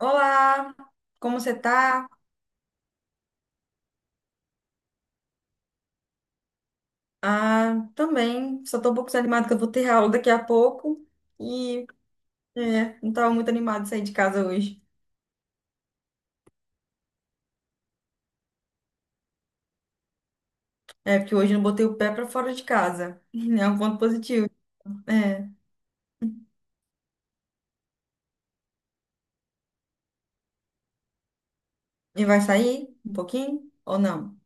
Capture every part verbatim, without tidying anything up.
Olá, como você tá? Ah, também, só tô um pouco desanimada que eu vou ter aula daqui a pouco e é, não tava muito animada de sair de casa hoje. É, porque hoje eu não botei o pé pra fora de casa. É um ponto positivo. É. E vai sair um pouquinho ou não?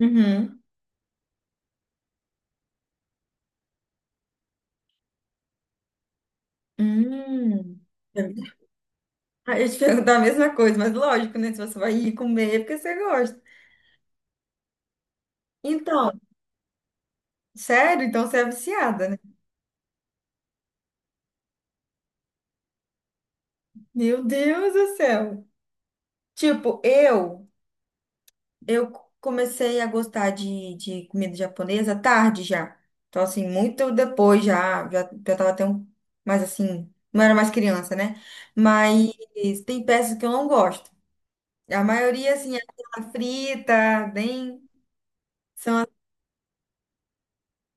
Uhum. Hum. Aí Eu te perguntar a mesma coisa, mas lógico, né? Se você vai ir comer, é porque você gosta. Então, sério? Então você é viciada, né? Meu Deus do céu. Tipo, eu Eu comecei a gostar de, de comida japonesa tarde já. Então, assim, muito depois já, já, já tava até um, mais assim, não era mais criança, né? Mas tem peças que eu não gosto. A maioria, assim, é aquela frita, bem.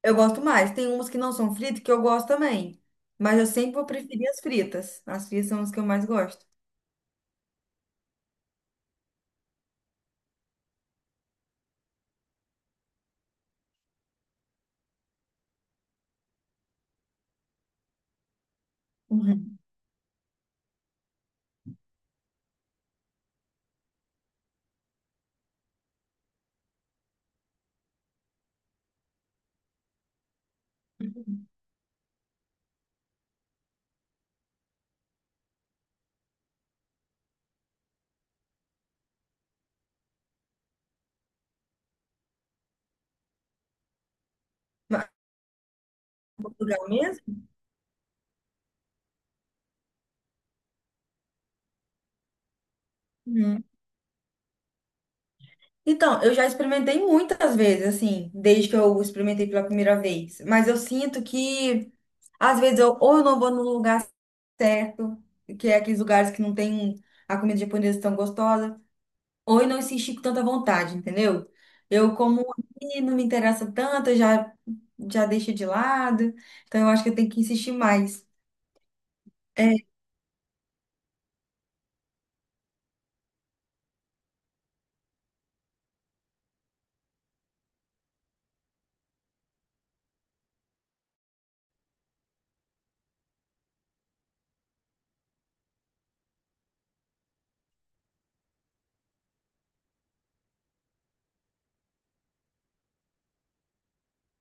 Eu gosto mais. Tem umas que não são fritas que eu gosto também. Mas eu sempre vou preferir as fritas. As fritas são as que eu mais gosto. Uhum. Mas, lugar mesmo? Então, eu já experimentei muitas vezes, assim, desde que eu experimentei pela primeira vez. Mas eu sinto que, às vezes, eu, ou eu não vou no lugar certo, que é aqueles lugares que não tem a comida japonesa tão gostosa, ou eu não insisti com tanta vontade, entendeu? Eu como aqui, não me interessa tanto, eu já, já deixo de lado. Então, eu acho que eu tenho que insistir mais. É,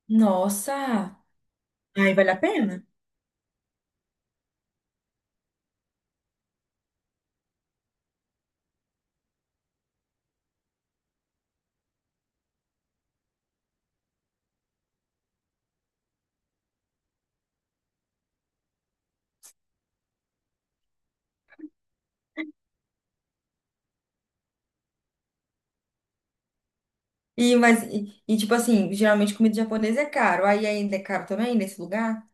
nossa! Aí vale a pena? E, mas, e, e, tipo assim, geralmente comida japonesa é caro. Aí ainda é caro também, nesse lugar?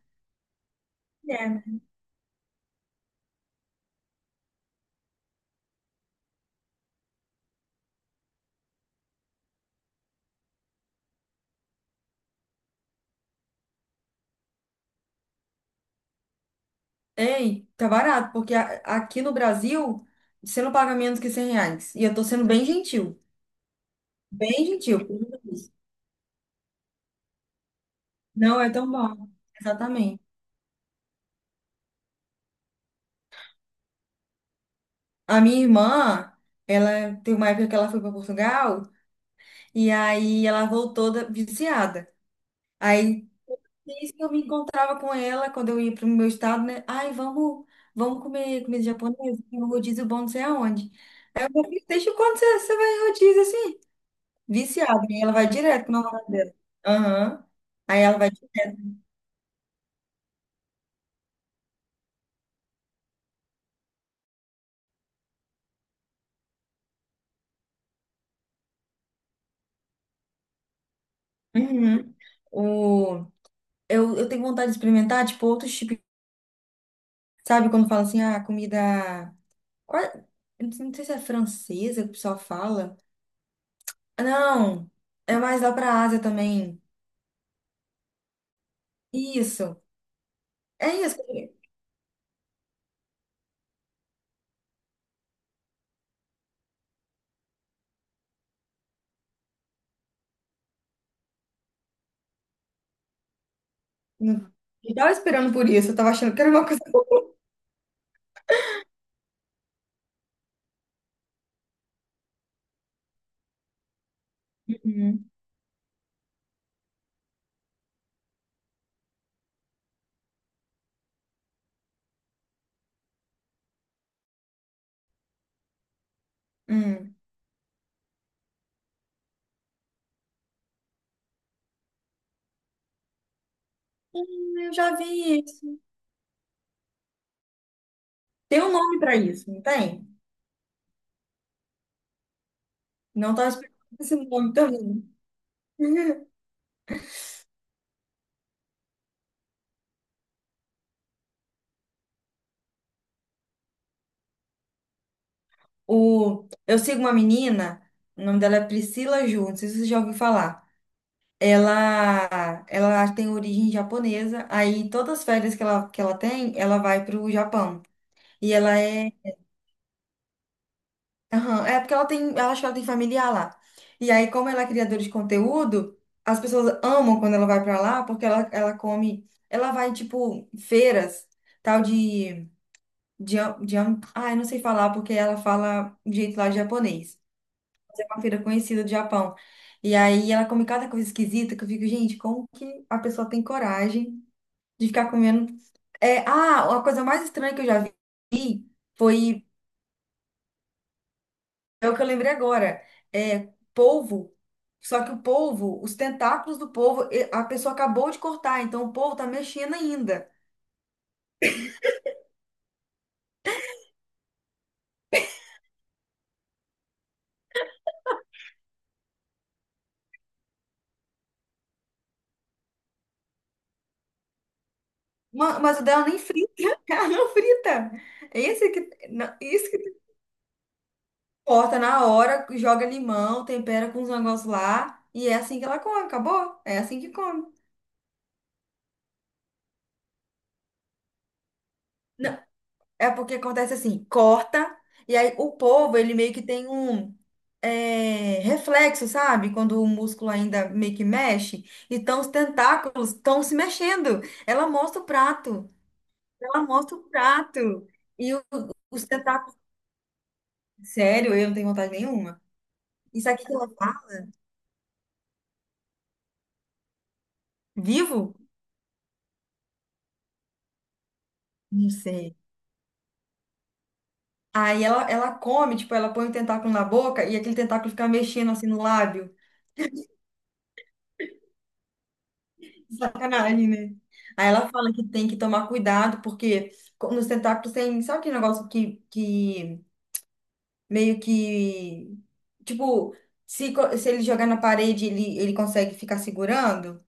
É. Ei, tá barato, porque a- aqui no Brasil, você não paga menos que cem reais. E eu tô sendo bem gentil, bem gentil. Por conta disso. Não é tão bom, exatamente. A minha irmã, ela tem uma época que ela foi para Portugal, e aí ela voltou da- viciada. Aí, isso que eu me encontrava com ela quando eu ia para o meu estado, né? Ai, vamos, vamos comer comida japonesa, tem um rodízio bom não sei aonde. Aí eu falei, deixa quando você, você vai em rodízio assim. Viciada, e ela vai direto com o namorado dela. Aham. Aí ela vai. Uhum. O... Eu, eu tenho vontade de experimentar, tipo, outros tipos. Sabe quando fala assim, ah, comida. Qua- eu Não sei não sei se é francesa que o pessoal fala. Ah, não, é mais lá pra Ásia também. Isso. É isso. Eu eu tava esperando por isso, eu tava achando que era uma coisa. Uhum. Hum. Eu já vi isso. Tem um nome pra isso, não tem? Não tava esperando esse nome também. O, eu sigo uma menina, o nome dela é Priscila Ju, não sei se você já ouviu falar. Ela, ela tem origem japonesa, aí todas as férias que ela, que ela tem, ela vai pro Japão. E ela é. Aham, é porque ela tem. Ela acha que ela tem familiar lá. E aí, como ela é criadora de conteúdo, as pessoas amam quando ela vai pra lá, porque ela, ela come. Ela vai, tipo, feiras, tal de. de, de ai, não sei falar, porque ela fala de jeito lá de japonês. Uma feira conhecida do Japão. E aí ela come cada coisa esquisita que eu fico, gente, como que a pessoa tem coragem de ficar comendo? É, ah, uma coisa mais estranha que eu já vi foi, é o que eu lembrei agora, é polvo. Só que o polvo, os tentáculos do polvo, e- a pessoa acabou de cortar, então o polvo tá mexendo ainda. Ma- Mas o dela nem frita, ela não frita. É esse que, não, isso Corta na hora, joga limão, tempera com os negócios lá. E é assim que ela come, acabou? É assim que come. Não, é porque acontece assim, corta, e aí o povo, ele meio que tem um é, reflexo, sabe? Quando o músculo ainda meio que mexe. Então os tentáculos estão se mexendo. Ela mostra o prato, ela mostra o prato. E o- os tentáculos, sério, eu não tenho vontade nenhuma. Isso aqui que ela tá vivo? Não sei. Aí ela, ela come, tipo, ela põe o tentáculo na boca e aquele tentáculo fica mexendo assim no lábio. Sacanagem, né? Aí ela fala que tem que tomar cuidado, porque co- nos tentáculos tem, sabe aquele negócio que, que meio que, tipo, se, co- se ele jogar na parede, ele, ele consegue ficar segurando?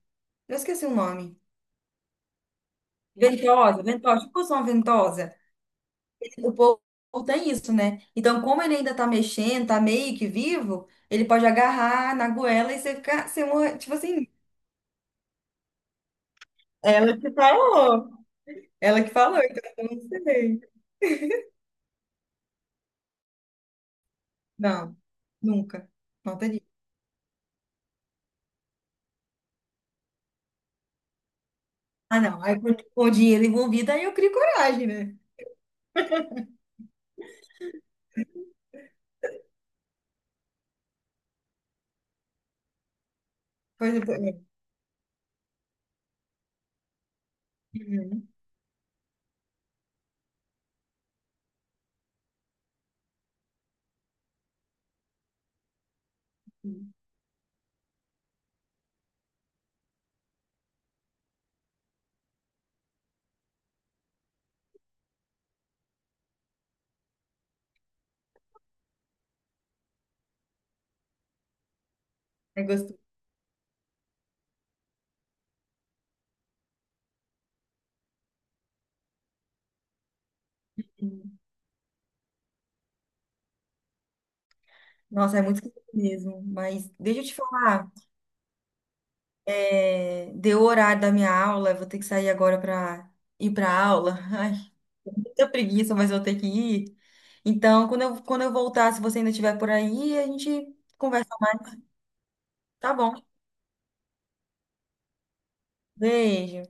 Eu esqueci o nome. Ventosa, ventosa, tipo uma ventosa. O povo tem isso, né? Então, como ele ainda tá mexendo, tá meio que vivo, ele pode agarrar na goela e você ficar, você morre, tipo assim, Ela que falou. Ela que falou, então eu não sei. Não, nunca. Não teria. Ah, não. Aí com, com o dinheiro envolvido, aí eu crio coragem, né? Pois é. pois é. Uhum. É gostoso. Nossa, é muito gostoso mesmo. Mas deixa eu te falar. É, deu o horário da minha aula, eu vou ter que sair agora para ir para aula. Ai, tô com muita preguiça, mas vou ter que ir. Então, quando eu, quando eu voltar, se você ainda estiver por aí, a gente conversa. Tá bom. Beijo.